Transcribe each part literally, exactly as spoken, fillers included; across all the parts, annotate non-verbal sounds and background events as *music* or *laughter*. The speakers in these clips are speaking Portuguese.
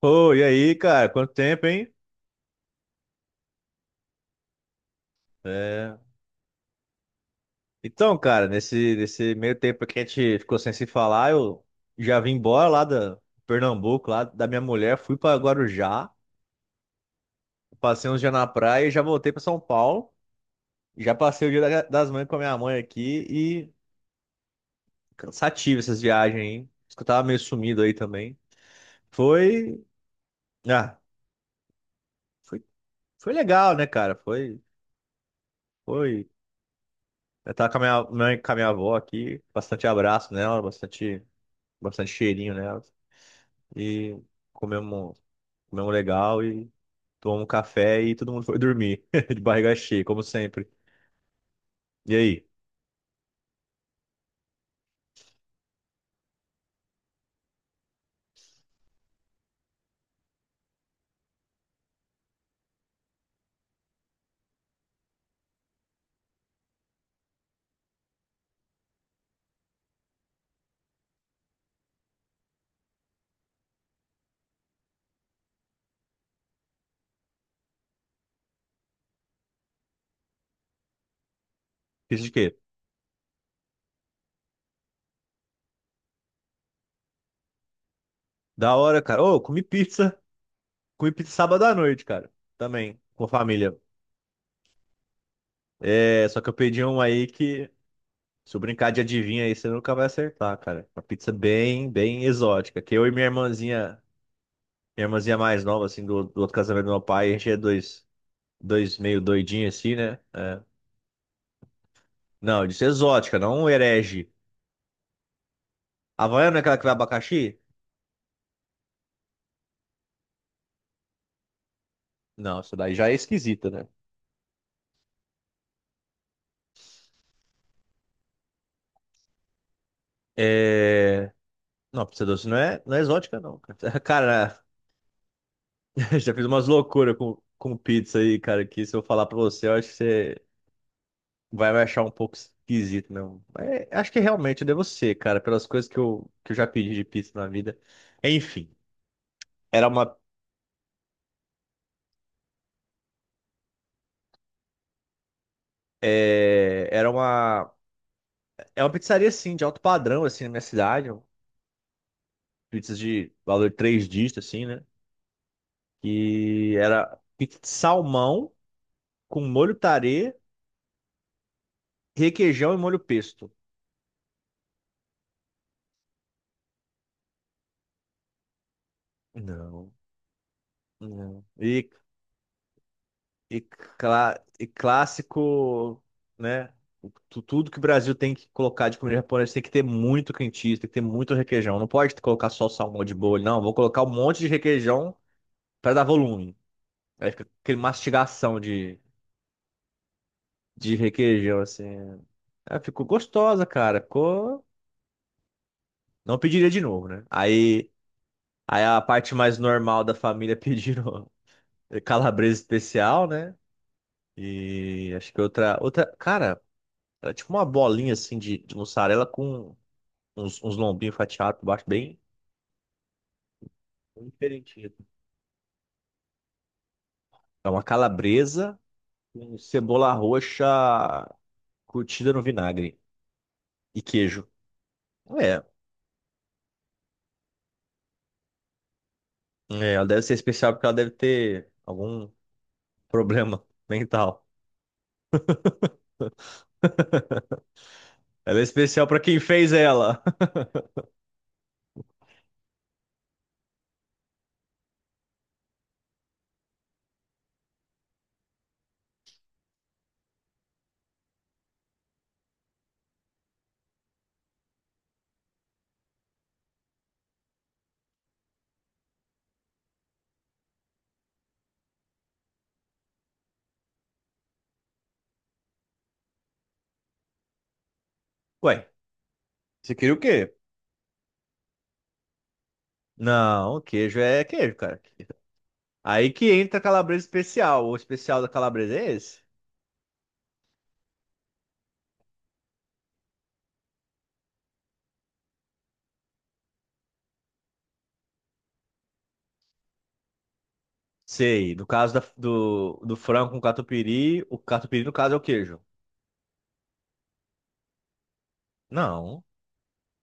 Ô, e aí, cara? Quanto tempo, hein? É. Então, cara, nesse, nesse meio tempo que a gente ficou sem se falar, eu já vim embora lá da Pernambuco, lá da minha mulher, fui pra Guarujá, passei uns dias na praia e já voltei pra São Paulo. Já passei o dia da- das mães com a minha mãe aqui e cansativo essas viagens, hein? Acho que eu tava meio sumido aí também. Foi. Ah, foi, foi legal, né, cara? Foi. Foi. Eu tava com a minha mãe, com a minha avó aqui, bastante abraço nela, bastante. bastante cheirinho nelas. E comemos, comemos legal e tomamos um café e todo mundo foi dormir *laughs* de barriga cheia, como sempre. E aí, pizza de quê? Da hora, cara. Ô, comi pizza. Comi pizza sábado à noite, cara. Também, com a família. É, só que eu pedi um aí que, se eu brincar de adivinha aí, você nunca vai acertar, cara. Uma pizza bem, bem exótica. Que eu e minha irmãzinha, minha irmãzinha mais nova, assim, do, do outro casamento do meu pai, a gente é dois, dois meio doidinhos, assim, né? É. Não, eu disse exótica, não um herege. Havaiana não é aquela que vai abacaxi? Não, isso daí já é esquisita, né? É... Não, pizza doce não é, não é exótica, não. cara. *laughs* Cara, *laughs* já fiz umas loucuras com, com pizza aí, cara, que se eu falar pra você, eu acho que você vai me achar um pouco esquisito não? Mas acho que realmente eu devo ser, cara, pelas coisas que eu, que eu já pedi de pizza na vida. Enfim, era uma... É... Era uma... É uma pizzaria, assim, de alto padrão, assim, na minha cidade. Pizzas de valor três dígitos, assim, né? E era pizza de salmão com molho tarê, requeijão e molho pesto. Não, não. E, e, clá- e clássico, né? Tu- Tudo que o Brasil tem que colocar de comida japonesa tem que ter muito cream cheese, tem que ter muito requeijão. Não pode colocar só salmão de bolho, não. Vou colocar um monte de requeijão para dar volume. Aí fica aquele mastigação de, de requeijão, assim. Ela ficou gostosa, cara. Ficou. Não pediria de novo, né? Aí, aí a parte mais normal da família *laughs* pediram É, calabresa especial, né? E acho que outra, outra, cara, era tipo uma bolinha assim de, de mussarela com uns, uns lombinhos fatiados por baixo, bem bem diferentinho. É uma calabresa com cebola roxa curtida no vinagre e queijo. É, é, ela deve ser especial porque ela deve ter algum problema *laughs* mental. Ela é especial pra quem fez ela. *laughs* Ué, você queria o quê? Não, queijo é queijo, cara. Aí que entra a calabresa especial. O especial da calabresa é esse? Sei. No caso da- do, do frango com catupiry, o catupiry no caso é o queijo. Não.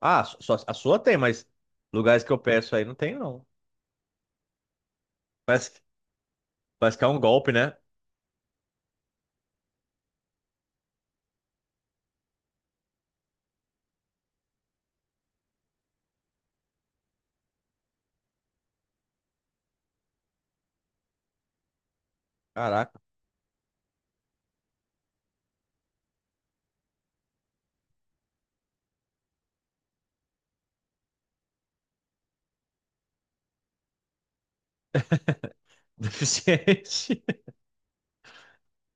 Ah, só, a sua tem, mas lugares que eu peço aí não tem, não. Parece, que- parece que é um golpe, né? Caraca. *laughs* Deficiente.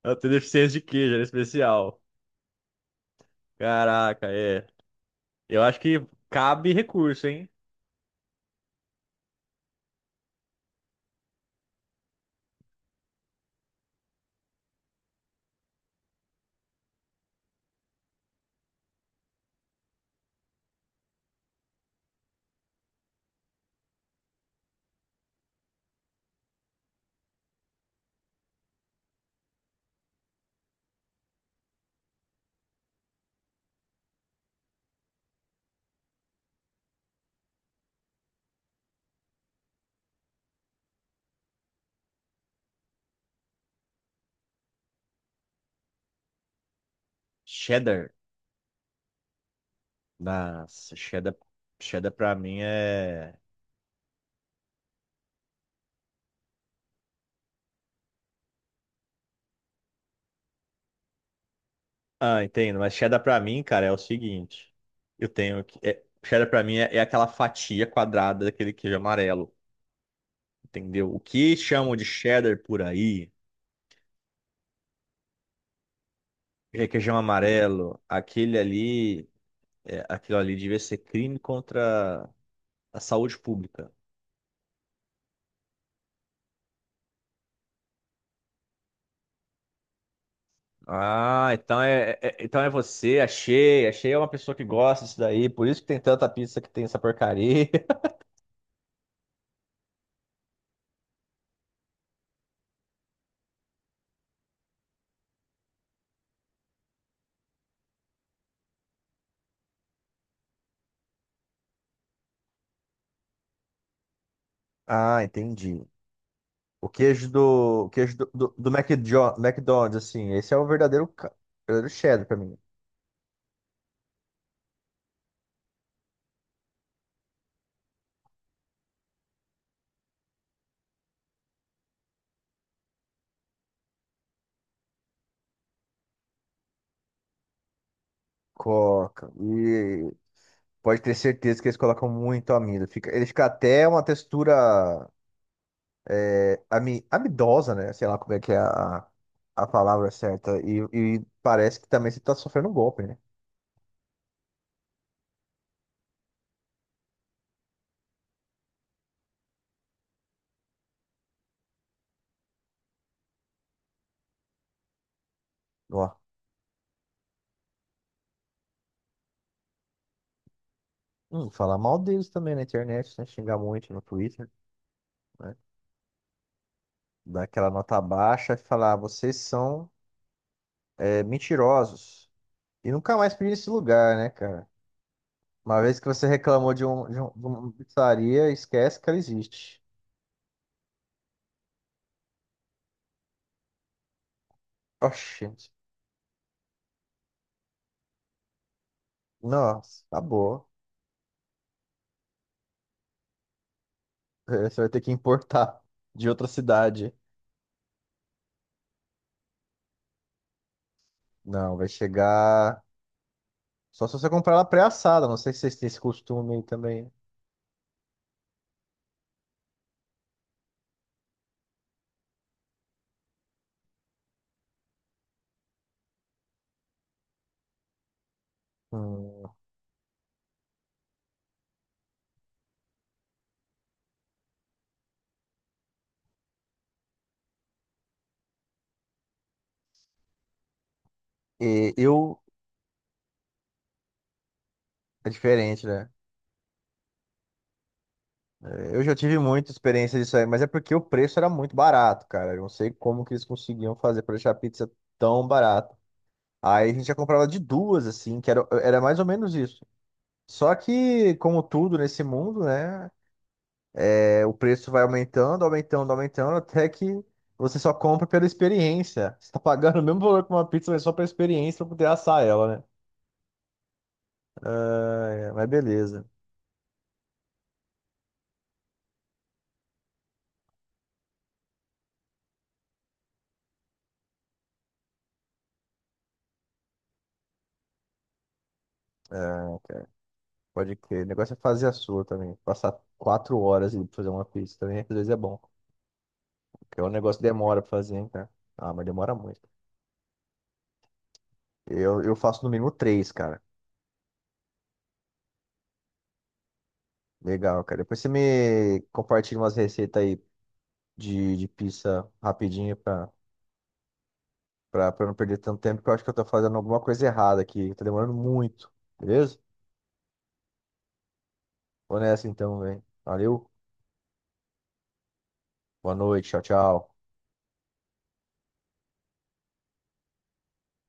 Eu tenho deficiência de queijo, era especial. Caraca, é. Eu acho que cabe recurso, hein? Cheddar. Nossa, cheddar, cheddar pra mim é. Ah, entendo. Mas cheddar pra mim, cara, é o seguinte. Eu tenho que. É, cheddar pra mim é, é aquela fatia quadrada daquele queijo amarelo. Entendeu? O que chamam de cheddar por aí é queijo amarelo. Aquele ali. é, aquilo ali devia ser crime contra a saúde pública. Ah, então é, é- é, então é você, achei. Achei é uma pessoa que gosta disso daí. Por isso que tem tanta pizza que tem essa porcaria. *laughs* Ah, entendi. O queijo do, o queijo do, do, do McDo- McDonald's, assim, esse é o verdadeiro, ca- verdadeiro cheddar pra mim. Coca. E pode ter certeza que eles colocam muito amido. Fica, ele fica até uma textura é, ami, amidosa, né? Sei lá como é que é a, a palavra certa. E, e parece que também você tá sofrendo um golpe, né? Ó. Hum, falar mal deles também na internet, né? Xingar muito no Twitter, né? Dar aquela nota baixa e falar, vocês são é, mentirosos. E nunca mais pedi nesse lugar, né, cara? Uma vez que você reclamou de, um, de, um- de uma pizzaria, esquece que ela existe. Oxi, nossa, acabou. Eh, Você vai ter que importar *laughs* de outra cidade. Não, vai chegar. Só se você comprar ela pré-assada. Não sei se vocês têm esse costume aí também. Hum. E eu. É diferente, né? Eh, Eu já tive muita experiência disso aí, mas é porque o preço era muito barato, cara. Eu não sei como que eles conseguiam fazer pra deixar a pizza tão barata. Aí a gente já comprava de duas, assim, que era, era mais ou menos isso. Só que, como tudo nesse mundo, né? é, o preço vai aumentando, aumentando, aumentando, até que você só compra pela experiência. Você tá pagando *laughs* o mesmo valor que uma pizza, mas só pela experiência pra poder assar ela, né? Ah, é, mas beleza. Ah, cara, pode crer. O negócio é fazer a sua também. Passar quatro horas ali pra fazer uma pizza também, às vezes é bom. Porque o negócio demora pra fazer, hein, cara? Ah, mas demora muito. Eu, eu faço no mínimo três, cara. Legal, cara. Depois você me compartilha umas receitas aí de, de pizza rapidinho pra, pra, pra eu não perder tanto tempo, que eu acho que eu tô fazendo alguma coisa errada aqui. Tá demorando muito, beleza? Vou nessa então, velho. Valeu, boa noite, tchau, tchau.